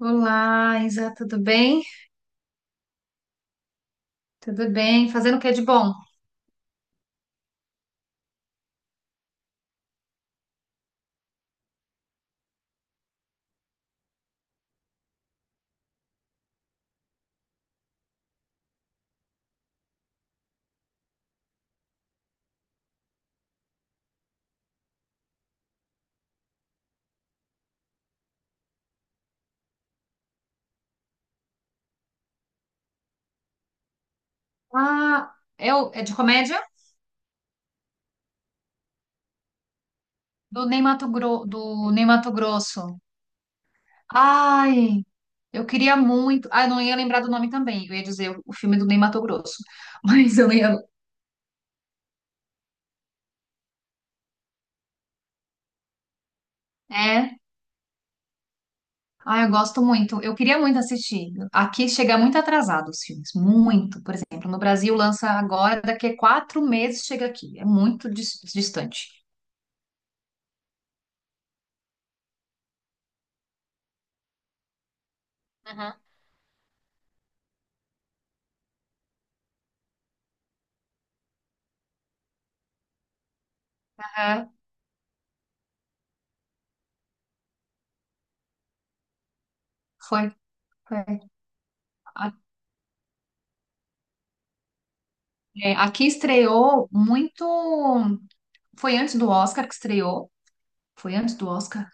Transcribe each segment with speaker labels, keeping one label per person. Speaker 1: Olá, Isa, tudo bem? Tudo bem. Fazendo o que de bom? Ah, é, é de comédia? Do Ney Mato Grosso. Ai, eu queria muito. Ah, eu não ia lembrar do nome também. Eu ia dizer o filme do Ney Mato Grosso. Mas eu não ia. É. Ah, eu gosto muito. Eu queria muito assistir. Aqui chega muito atrasado os filmes. Muito. Por exemplo, no Brasil lança agora, daqui a quatro meses chega aqui. É muito distante. Uhum. É, foi. Foi. É, aqui estreou muito. Foi antes do Oscar que estreou. Foi antes do Oscar?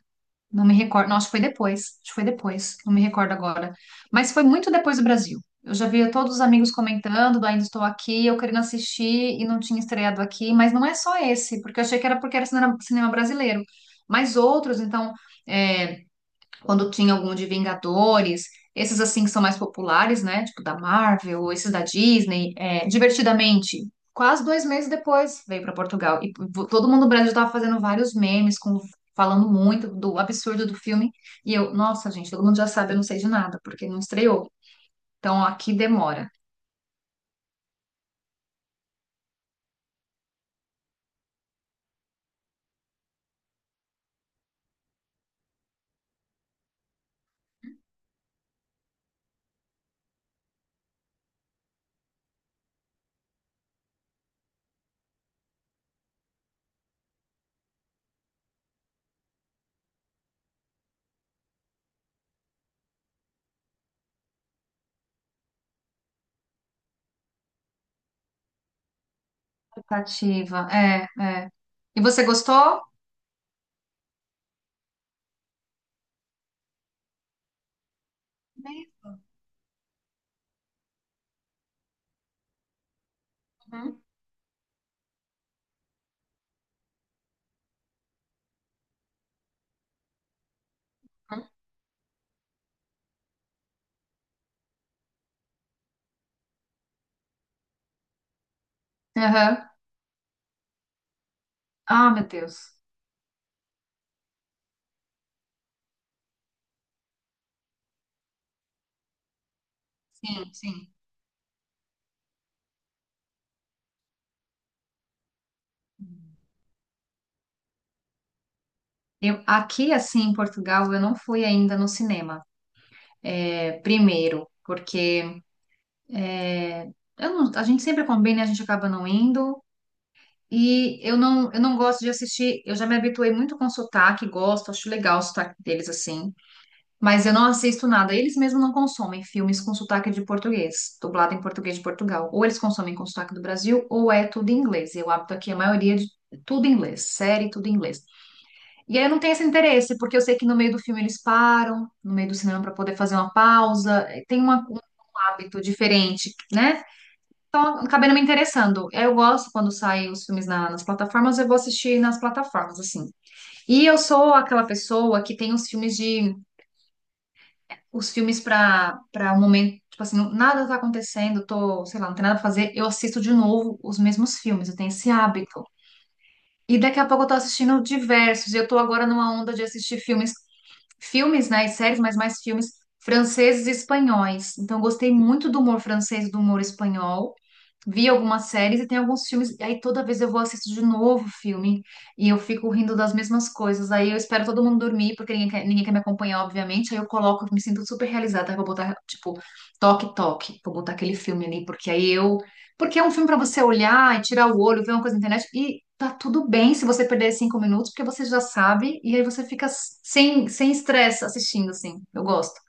Speaker 1: Não me recordo. Não, acho que foi depois. Acho que foi depois. Não me recordo agora. Mas foi muito depois do Brasil. Eu já via todos os amigos comentando do Ainda Estou Aqui, eu querendo assistir e não tinha estreado aqui. Mas não é só esse, porque eu achei que era porque era cinema, cinema brasileiro. Mas outros, então. É, quando tinha algum de Vingadores, esses assim que são mais populares, né? Tipo da Marvel, ou esses da Disney, é, divertidamente. Quase dois meses depois veio para Portugal. E todo mundo no Brasil estava fazendo vários memes, falando muito do absurdo do filme. E eu, nossa, gente, todo mundo já sabe, eu não sei de nada, porque não estreou. Então aqui demora. Expectativa. É, é. E você gostou? Mesmo. Uhum. Aham. Ah, meu Deus. Sim, sim. Eu, aqui, assim, em Portugal, eu não fui ainda no cinema. É, primeiro, porque é, eu não- a gente sempre combina e a gente acaba não indo. E eu não gosto de assistir. Eu já me habituei muito com sotaque, gosto, acho legal o sotaque deles assim. Mas eu não assisto nada. Eles mesmos não consomem filmes com sotaque de português, dublado em português de Portugal. Ou eles consomem com sotaque do Brasil, ou é tudo em inglês. E o hábito aqui, a maioria de tudo em inglês, série, tudo em inglês. E aí eu não tenho esse interesse, porque eu sei que no meio do filme eles param, no meio do cinema para poder fazer uma pausa, tem um hábito diferente, né? Então eu acabei não me interessando. Eu gosto quando saem os filmes nas plataformas, eu vou assistir nas plataformas, assim. E eu sou aquela pessoa que tem os filmes para um momento, tipo assim, nada tá acontecendo, tô, sei lá, não tem nada pra fazer, eu assisto de novo os mesmos filmes, eu tenho esse hábito. E daqui a pouco eu tô assistindo diversos. Eu tô agora numa onda de assistir filmes, filmes, né, e séries, mas mais filmes franceses e espanhóis. Então, eu gostei muito do humor francês, e do humor espanhol vi algumas séries e tem alguns filmes, e aí toda vez eu vou assistir de novo o filme e eu fico rindo das mesmas coisas. Aí eu espero todo mundo dormir, porque ninguém quer me acompanhar, obviamente. Aí eu coloco, me sinto super realizada. Aí vou botar, tipo, toque, toque, vou botar aquele filme ali, porque aí eu. Porque é um filme pra você olhar e tirar o olho, ver uma coisa na internet e. Tá tudo bem se você perder cinco minutos, porque você já sabe, e aí você fica sem estresse assistindo, assim. Eu gosto.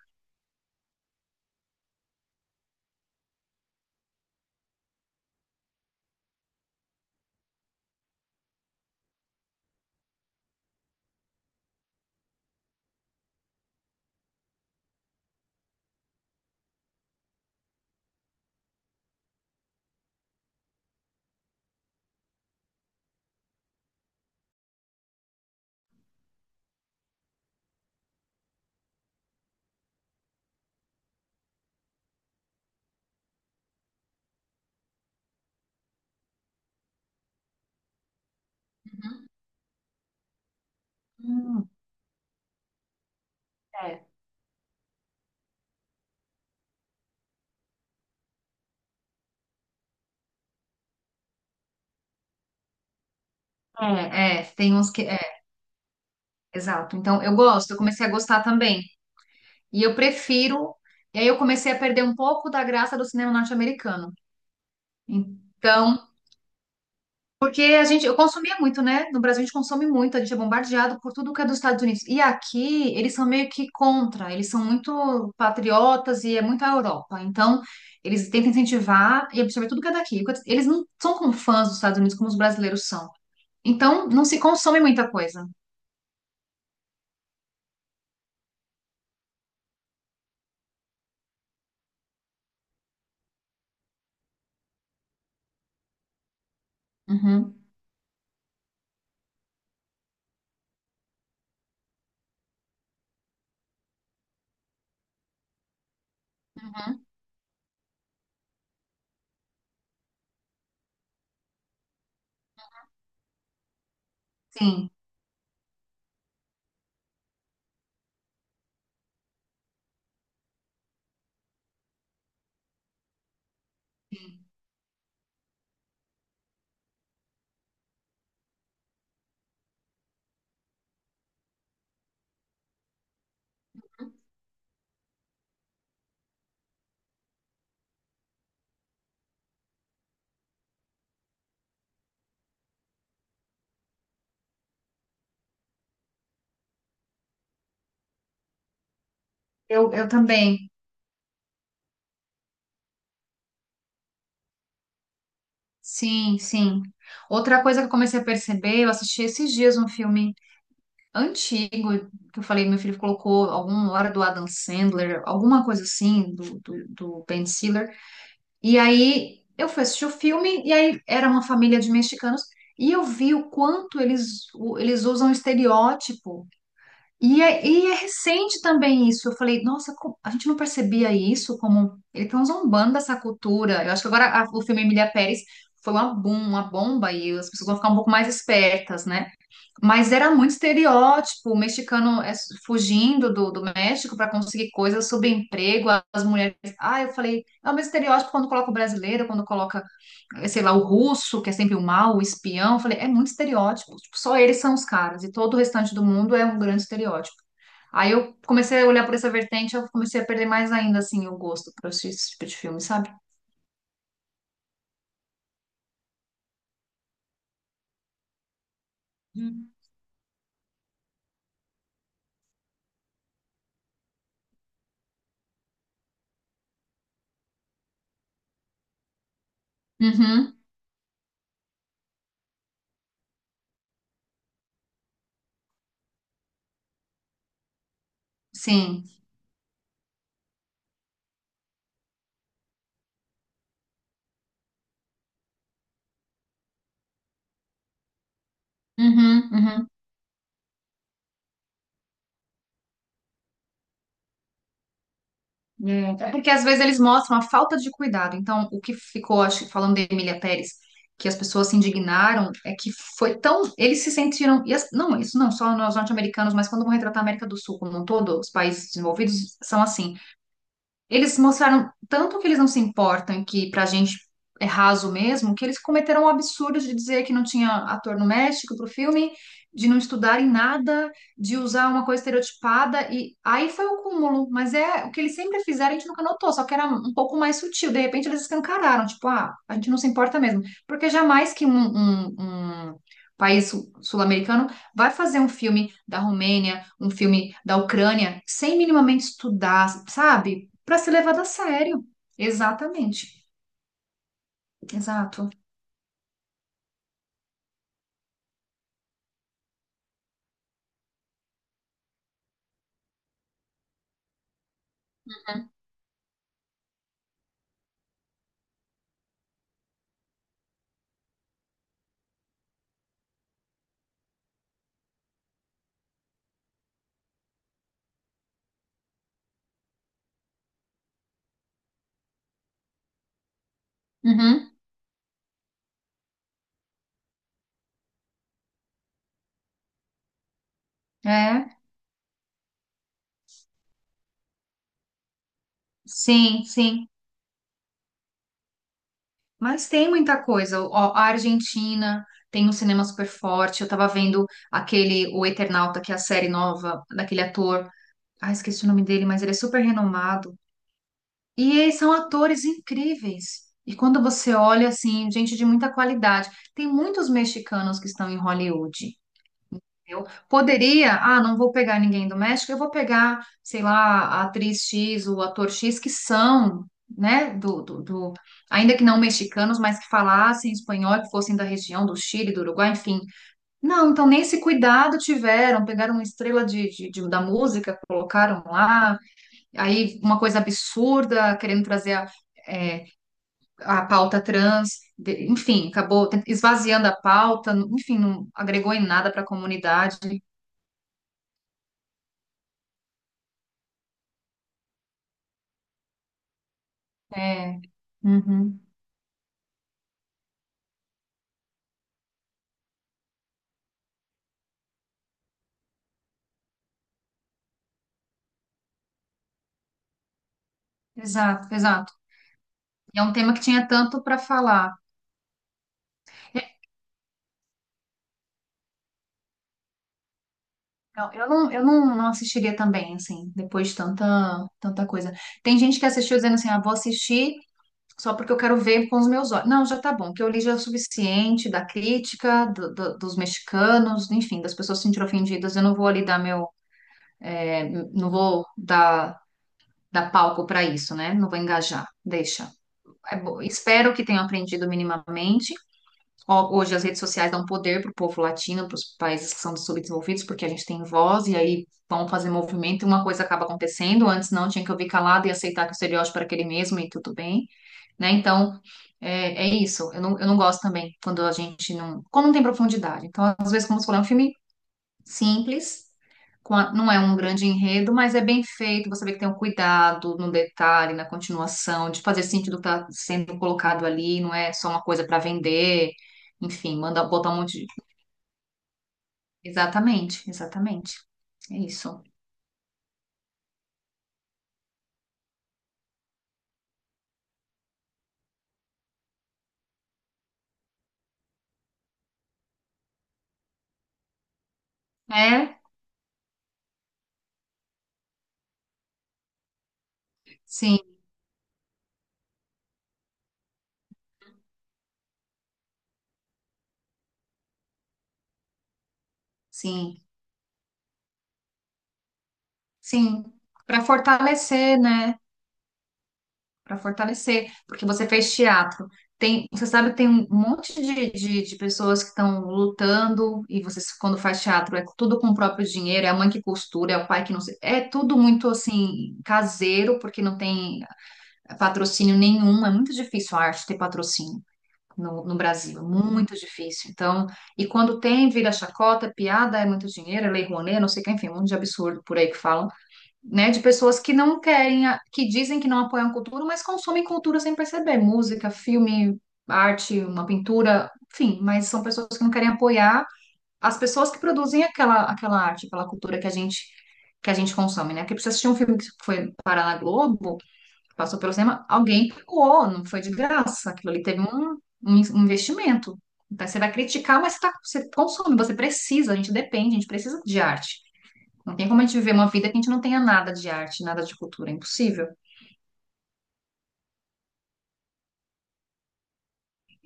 Speaker 1: Hum, é. É, é, tem uns que. Exato. Então, eu gosto, eu comecei a gostar também. E eu prefiro. E aí eu comecei a perder um pouco da graça do cinema norte-americano. Então, porque a gente, eu consumia muito, né? No Brasil a gente consome muito, a gente é bombardeado por tudo que é dos Estados Unidos. E aqui eles são meio que contra, eles são muito patriotas e é muito a Europa. Então, eles tentam incentivar e absorver tudo que é daqui. Eles não são como fãs dos Estados Unidos como os brasileiros são. Então, não se consome muita coisa. Uhum. Uhum. Sim. Eu também. Sim, sim. Outra coisa que eu comecei a perceber, eu assisti esses dias um filme antigo, que eu falei, meu filho colocou alguma hora do Adam Sandler, alguma coisa assim, do Ben Stiller. E aí eu fui assistir o filme, e aí era uma família de mexicanos, e eu vi o quanto eles, eles usam estereótipo e é recente também isso. Eu falei, nossa, a gente não percebia isso como ele tá zombando dessa cultura. Eu acho que agora o filme Emília Pérez foi uma, bom, uma bomba e as pessoas vão ficar um pouco mais espertas, né? Mas era muito estereótipo, o mexicano é, fugindo do México para conseguir coisas sobre emprego, as mulheres. Ah, eu falei, é o mesmo estereótipo quando coloca o brasileiro, quando coloca, sei lá, o russo, que é sempre o mal, o espião. Eu falei, é muito estereótipo. Tipo, só eles são os caras e todo o restante do mundo é um grande estereótipo. Aí eu comecei a olhar por essa vertente, eu comecei a perder mais ainda, assim, o gosto por assistir esse tipo de filme, sabe? Uhum, sim. Uhum, uhum. É. É porque às vezes eles mostram a falta de cuidado. Então, o que ficou, acho, que falando de Emília Pérez, que as pessoas se indignaram, é que foi tão. Eles se sentiram. Não, isso não só nós norte-americanos, mas quando vão retratar a América do Sul como um todo, os países desenvolvidos são assim. Eles mostraram tanto que eles não se importam, que pra gente é raso mesmo, que eles cometeram o absurdo de dizer que não tinha ator no México pro filme, de não estudarem nada, de usar uma coisa estereotipada, e aí foi o cúmulo. Mas é o que eles sempre fizeram, a gente nunca notou, só que era um pouco mais sutil. De repente eles escancararam, tipo, ah, a gente não se importa mesmo. Porque jamais que um país sul-americano vai fazer um filme da Romênia, um filme da Ucrânia, sem minimamente estudar, sabe? Para ser levado a sério. Exatamente. Exato. Uhum. É, sim, sim. Mas tem muita coisa. Ó, a Argentina tem um cinema super forte. Eu tava vendo aquele, o Eternauta, que é a série nova daquele ator. Ah, esqueci o nome dele, mas ele é super renomado. E eles são atores incríveis. E quando você olha, assim, gente de muita qualidade. Tem muitos mexicanos que estão em Hollywood. Eu poderia, ah, não vou pegar ninguém do México, eu vou pegar, sei lá, a atriz X, o ator X, que são, né, ainda que não mexicanos, mas que falassem espanhol, que fossem da região do Chile, do Uruguai, enfim. Não, então nem esse cuidado tiveram, pegaram uma estrela de, da música, colocaram lá, aí uma coisa absurda, querendo trazer é, a pauta trans, enfim, acabou esvaziando a pauta, enfim, não agregou em nada para a comunidade. É. Uhum. Exato, exato. E é um tema que tinha tanto para falar. É. Não, eu não, eu não, não assistiria também, assim, depois de tanta, tanta coisa. Tem gente que assistiu dizendo assim, ah, vou assistir só porque eu quero ver com os meus olhos. Não, já tá bom, o que eu li já é o suficiente da crítica, dos mexicanos, enfim, das pessoas se sentiram ofendidas, eu não vou ali dar meu, é, não vou dar palco para isso, né? Não vou engajar, deixa. É bom. Espero que tenham aprendido minimamente. Ó, hoje as redes sociais dão poder para o povo latino, para os países que são subdesenvolvidos, porque a gente tem voz e aí vão fazer movimento e uma coisa acaba acontecendo. Antes não, tinha que ouvir calado e aceitar que o estereótipo era aquele mesmo e tudo bem, né? Então, é, é isso. Eu não gosto também quando a gente não... Como não tem profundidade. Então, às vezes, como se for um filme simples, não é um grande enredo, mas é bem feito. Você vê que tem um cuidado no detalhe, na continuação, de fazer sentido o que está sendo colocado ali, não é só uma coisa para vender. Enfim, manda botar um monte de... Exatamente, exatamente. É isso. É, sim, sim, sim. Para fortalecer, né? Para fortalecer, porque você fez teatro. Tem, você sabe que tem um monte de pessoas que estão lutando, e você, quando faz teatro, é tudo com o próprio dinheiro, é a mãe que costura, é o pai que não sei. É tudo muito assim, caseiro, porque não tem patrocínio nenhum. É muito difícil a arte ter patrocínio no Brasil, é muito difícil. Então, e quando tem, vira chacota, piada, é muito dinheiro, é lei Rouanet, não sei o que, enfim, um monte de absurdo por aí que falam né, de pessoas que não querem, que dizem que não apoiam a cultura, mas consomem cultura sem perceber, música, filme, arte, uma pintura, enfim, mas são pessoas que não querem apoiar as pessoas que produzem aquela, arte, aquela cultura que a gente consome, né? Porque pra você assistir um filme que foi parar na Globo, passou pelo cinema, alguém pagou, não foi de graça, aquilo ali teve um investimento. Então, você vai criticar, mas você consome, você precisa, a gente depende, a gente precisa de arte. Não tem como a gente viver uma vida que a gente não tenha nada de arte, nada de cultura. É impossível.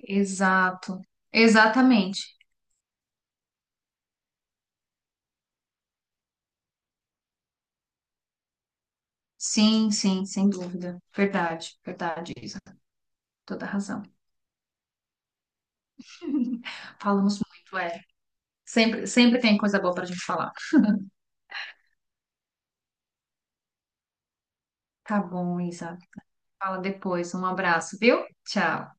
Speaker 1: Exato. Exatamente. Sim, sim, sem dúvida. Verdade, verdade, Isa. Toda razão. Falamos muito, é. Sempre, sempre tem coisa boa pra gente falar. Tá bom, Isa. Fala depois. Um abraço, viu? Tchau.